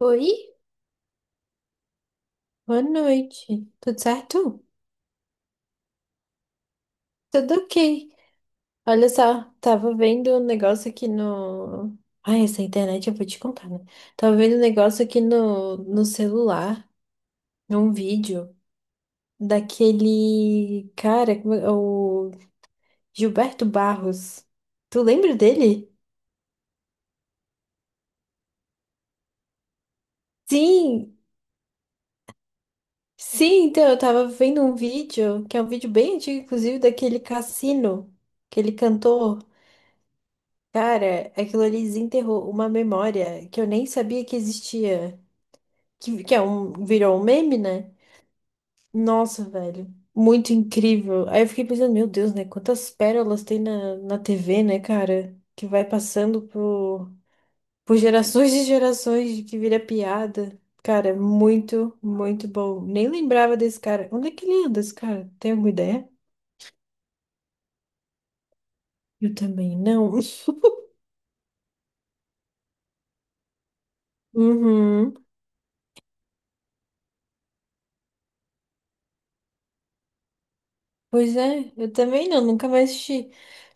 Oi, boa noite. Tudo certo? Tudo ok. Olha só, tava vendo um negócio aqui no. Ai, essa internet eu vou te contar, né? Tava vendo um negócio aqui no celular, um vídeo daquele cara, como é- o Gilberto Barros. Tu lembra dele? Sim, sim, então eu tava vendo um vídeo, que é um vídeo bem antigo, inclusive, daquele Cassino, aquele cantor. Cara, aquilo ali desenterrou uma memória que eu nem sabia que existia, que é um, virou um meme, né? Nossa, velho, muito incrível. Aí eu fiquei pensando, meu Deus, né? Quantas pérolas tem na TV, né, cara? Que vai passando por gerações e gerações, que vira piada. Cara, muito, muito bom. Nem lembrava desse cara. Onde é que ele anda, esse cara? Tem alguma ideia? Eu também não. Uhum. Pois é, eu também não, nunca mais assisti.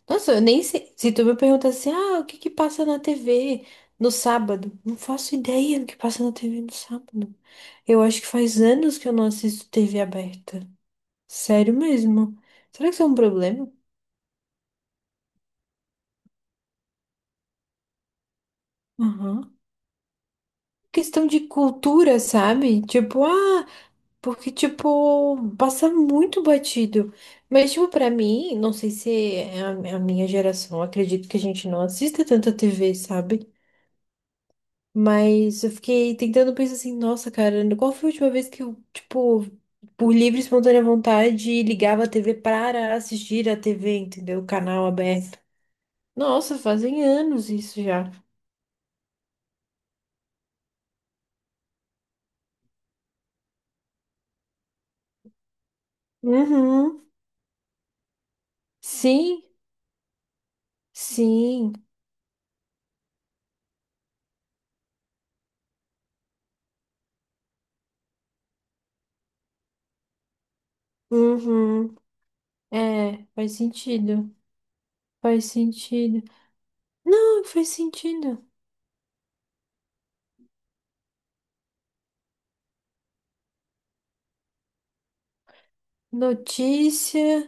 Nossa, eu nem sei. Se tu me pergunta assim, ah, o que que passa na TV no sábado? Não faço ideia do que passa na TV no sábado. Eu acho que faz anos que eu não assisto TV aberta. Sério mesmo. Será que isso é um problema? Aham. Questão de cultura, sabe? Tipo, ah, porque, tipo, passa muito batido. Mas, tipo, pra mim, não sei se é a minha geração, eu acredito que a gente não assista tanta TV, sabe? Mas eu fiquei tentando pensar assim, nossa, cara, qual foi a última vez que eu, tipo, por livre e espontânea vontade, ligava a TV para assistir a TV, entendeu? O canal aberto. Nossa, fazem anos isso já. Uhum. Sim, sim. Uhum. É, faz sentido. Faz sentido. Não, faz sentido. Notícia.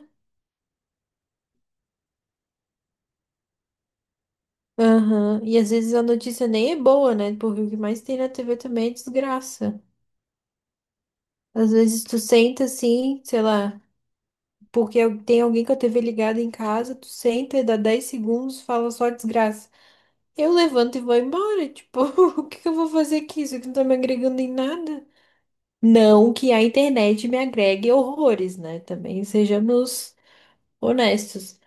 Aham. E às vezes a notícia nem é boa, né? Porque o que mais tem na TV também é desgraça. Às vezes tu senta assim, sei lá, porque eu- tem alguém com a TV ligada em casa, tu senta e dá 10 segundos, fala só desgraça. Eu levanto e vou embora, tipo, o que que eu vou fazer aqui? Isso aqui não tá me agregando em nada. Não que a internet me agregue horrores, né? Também sejamos honestos.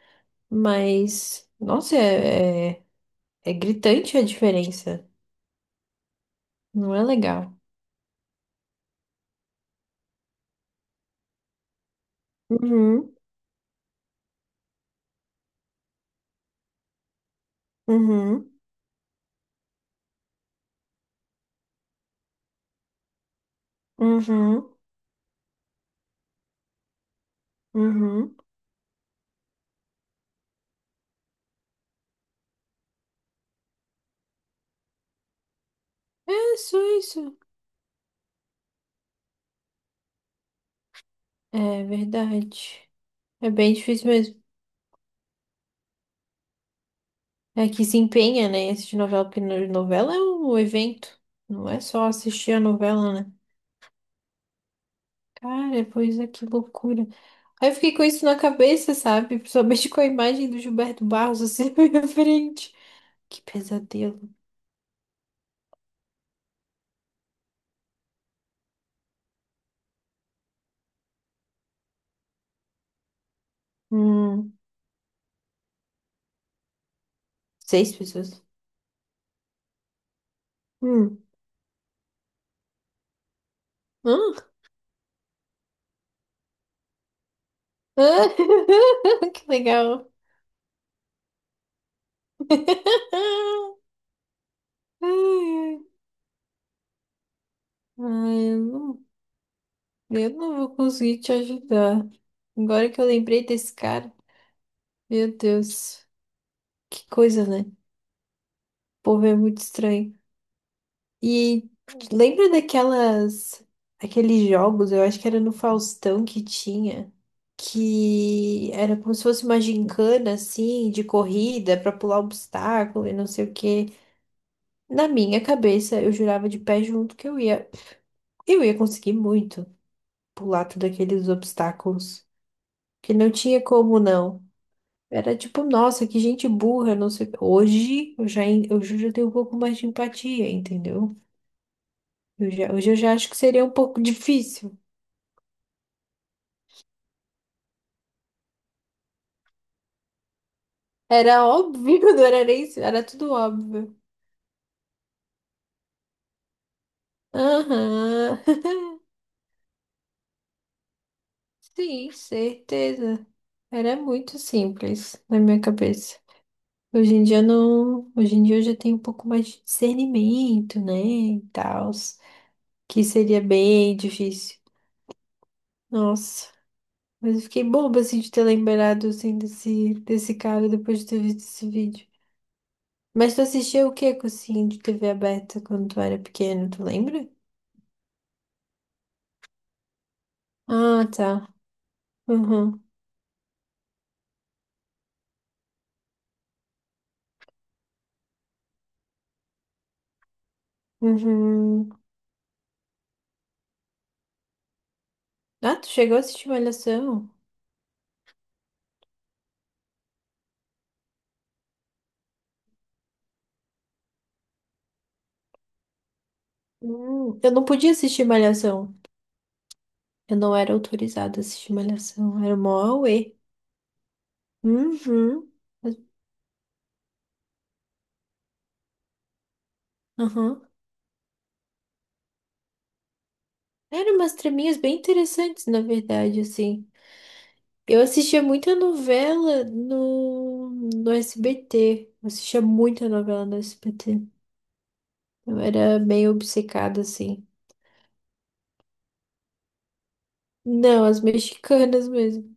Mas, nossa, é gritante a diferença. Não é legal. Uhum, uhum, uhum, uhum. É só isso. É verdade. É bem difícil mesmo. É que se empenha, né, em assistir novela, porque no- novela é um evento. Não é só assistir a novela, né? Cara, pois é, que loucura. Aí eu fiquei com isso na cabeça, sabe? Principalmente com a imagem do Gilberto Barros assim na minha frente. Que pesadelo. Hum, seis pessoas. Hum. Hã? Hã? Que legal. Ai, ai. eu não, eu não vou conseguir te ajudar. Agora que eu lembrei desse cara, meu Deus. Que coisa, né? O povo é muito estranho. E lembra daquelas, aqueles jogos, eu acho que era no Faustão que tinha, que era como se fosse uma gincana, assim, de corrida pra pular obstáculo e não sei o quê. Na minha cabeça, eu jurava de pé junto que eu ia conseguir muito pular todos aqueles obstáculos, que não tinha como não. Era tipo, nossa, que gente burra, não sei. O quê. Hoje eu já, en- eu já tenho um pouco mais de empatia, entendeu? Eu já- hoje eu já acho que seria um pouco difícil. Era óbvio, não era nem isso, era tudo óbvio. Aham. Sim, certeza. Era muito simples na minha cabeça. Hoje em dia eu não, hoje em dia eu já tenho um pouco mais de discernimento, né, e tal, que seria bem difícil. Nossa, mas eu fiquei boba assim de ter lembrado assim desse cara depois de ter visto esse vídeo. Mas tu assistia o que, assim de TV aberta quando tu era pequeno, tu lembra? Ah, tá. Uhum. Uhum. Ah, tu chegou a assistir Malhação? Eu não podia assistir Malhação. Eu não era autorizada a assistir Malhação. Era mó uê. Uhum. Mas- Aham. Eram umas traminhas bem interessantes, na verdade, assim. Eu assistia muita novela no SBT. Eu assistia muita novela no SBT. Eu era meio obcecada, assim. Não, as mexicanas mesmo.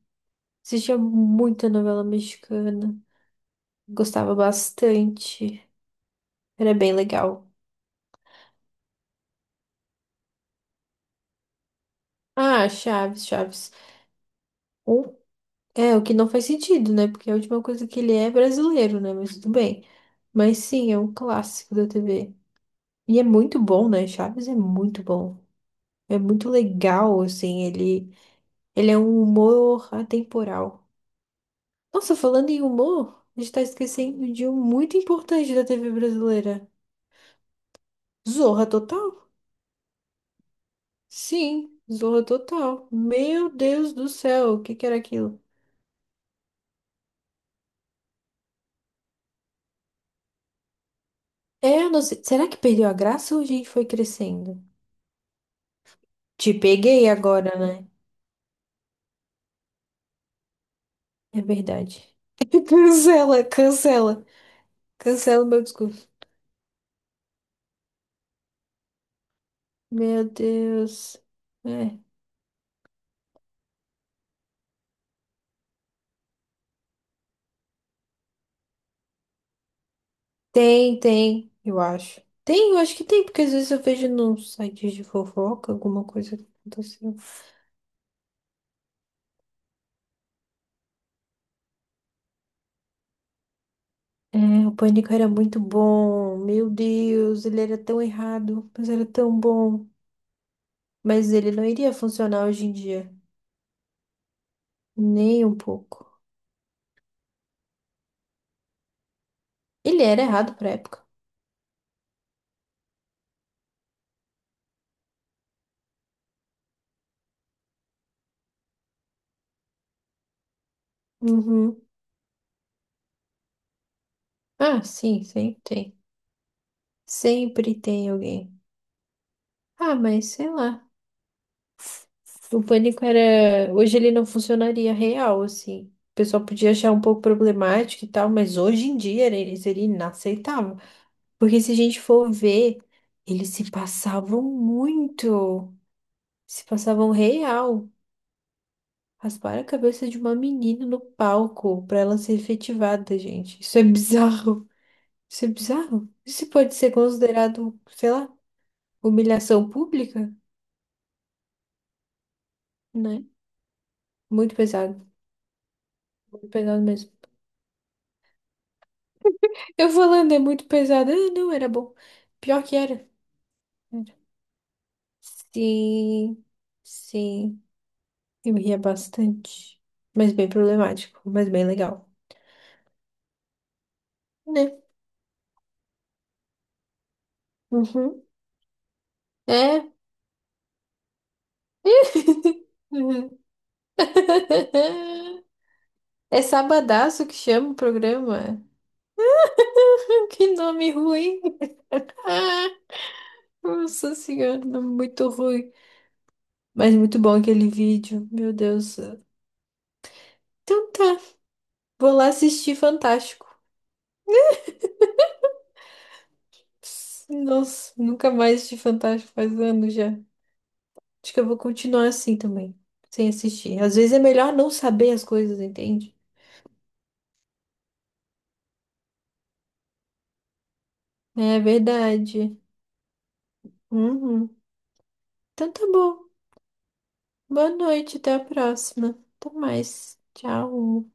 Assistia muita novela mexicana. Gostava bastante. Era bem legal. Ah, Chaves. Um- É, o que não faz sentido, né? Porque a última coisa que ele é é brasileiro, né? Mas tudo bem. Mas sim, é um clássico da TV. E é muito bom, né? Chaves é muito bom. É muito legal, assim. Ele é um humor atemporal. Nossa, falando em humor, a gente tá esquecendo de um muito importante da TV brasileira. Zorra Total? Sim, Zorra Total. Meu Deus do céu, o que que era aquilo? É, eu não sei. Será que perdeu a graça ou a gente foi crescendo? Te peguei agora, né? É verdade. Cancela. Cancela o meu discurso. Meu Deus. É. Tem, tem, eu acho. Tem, eu acho que tem, porque às vezes eu vejo num site de fofoca alguma coisa que aconteceu. É, o Pânico era muito bom. Meu Deus, ele era tão errado, mas era tão bom. Mas ele não iria funcionar hoje em dia. Nem um pouco. Ele era errado pra época. Uhum. Ah, sim, sempre tem. Sempre tem alguém. Ah, mas sei lá. O pânico era. Hoje ele não funcionaria real, assim. O pessoal podia achar um pouco problemático e tal, mas hoje em dia era- ele seria inaceitável. Porque se a gente for ver, eles se passavam muito. Se passavam real. Rasparam a cabeça de uma menina no palco pra ela ser efetivada, gente. Isso é bizarro. Isso é bizarro. Isso pode ser considerado, sei lá. Humilhação pública, né? Muito pesado, muito pesado mesmo. Eu falando, é muito pesado. Ah, não, era bom. Pior que era. Era. Sim, sim. Eu ria bastante. Mas bem problemático, mas bem legal, né? Uhum. É. Uhum. É Sabadaço que chama o programa. Que nome ruim. Nossa senhora, nome muito ruim. Mas muito bom aquele vídeo, meu Deus. Então tá, vou lá assistir Fantástico. Ps, nossa, nunca mais assisti Fantástico faz anos já. Acho que eu vou continuar assim também, sem assistir. Às vezes é melhor não saber as coisas, entende? É verdade. Uhum. Então tá bom. Boa noite, até a próxima. Até mais. Tchau.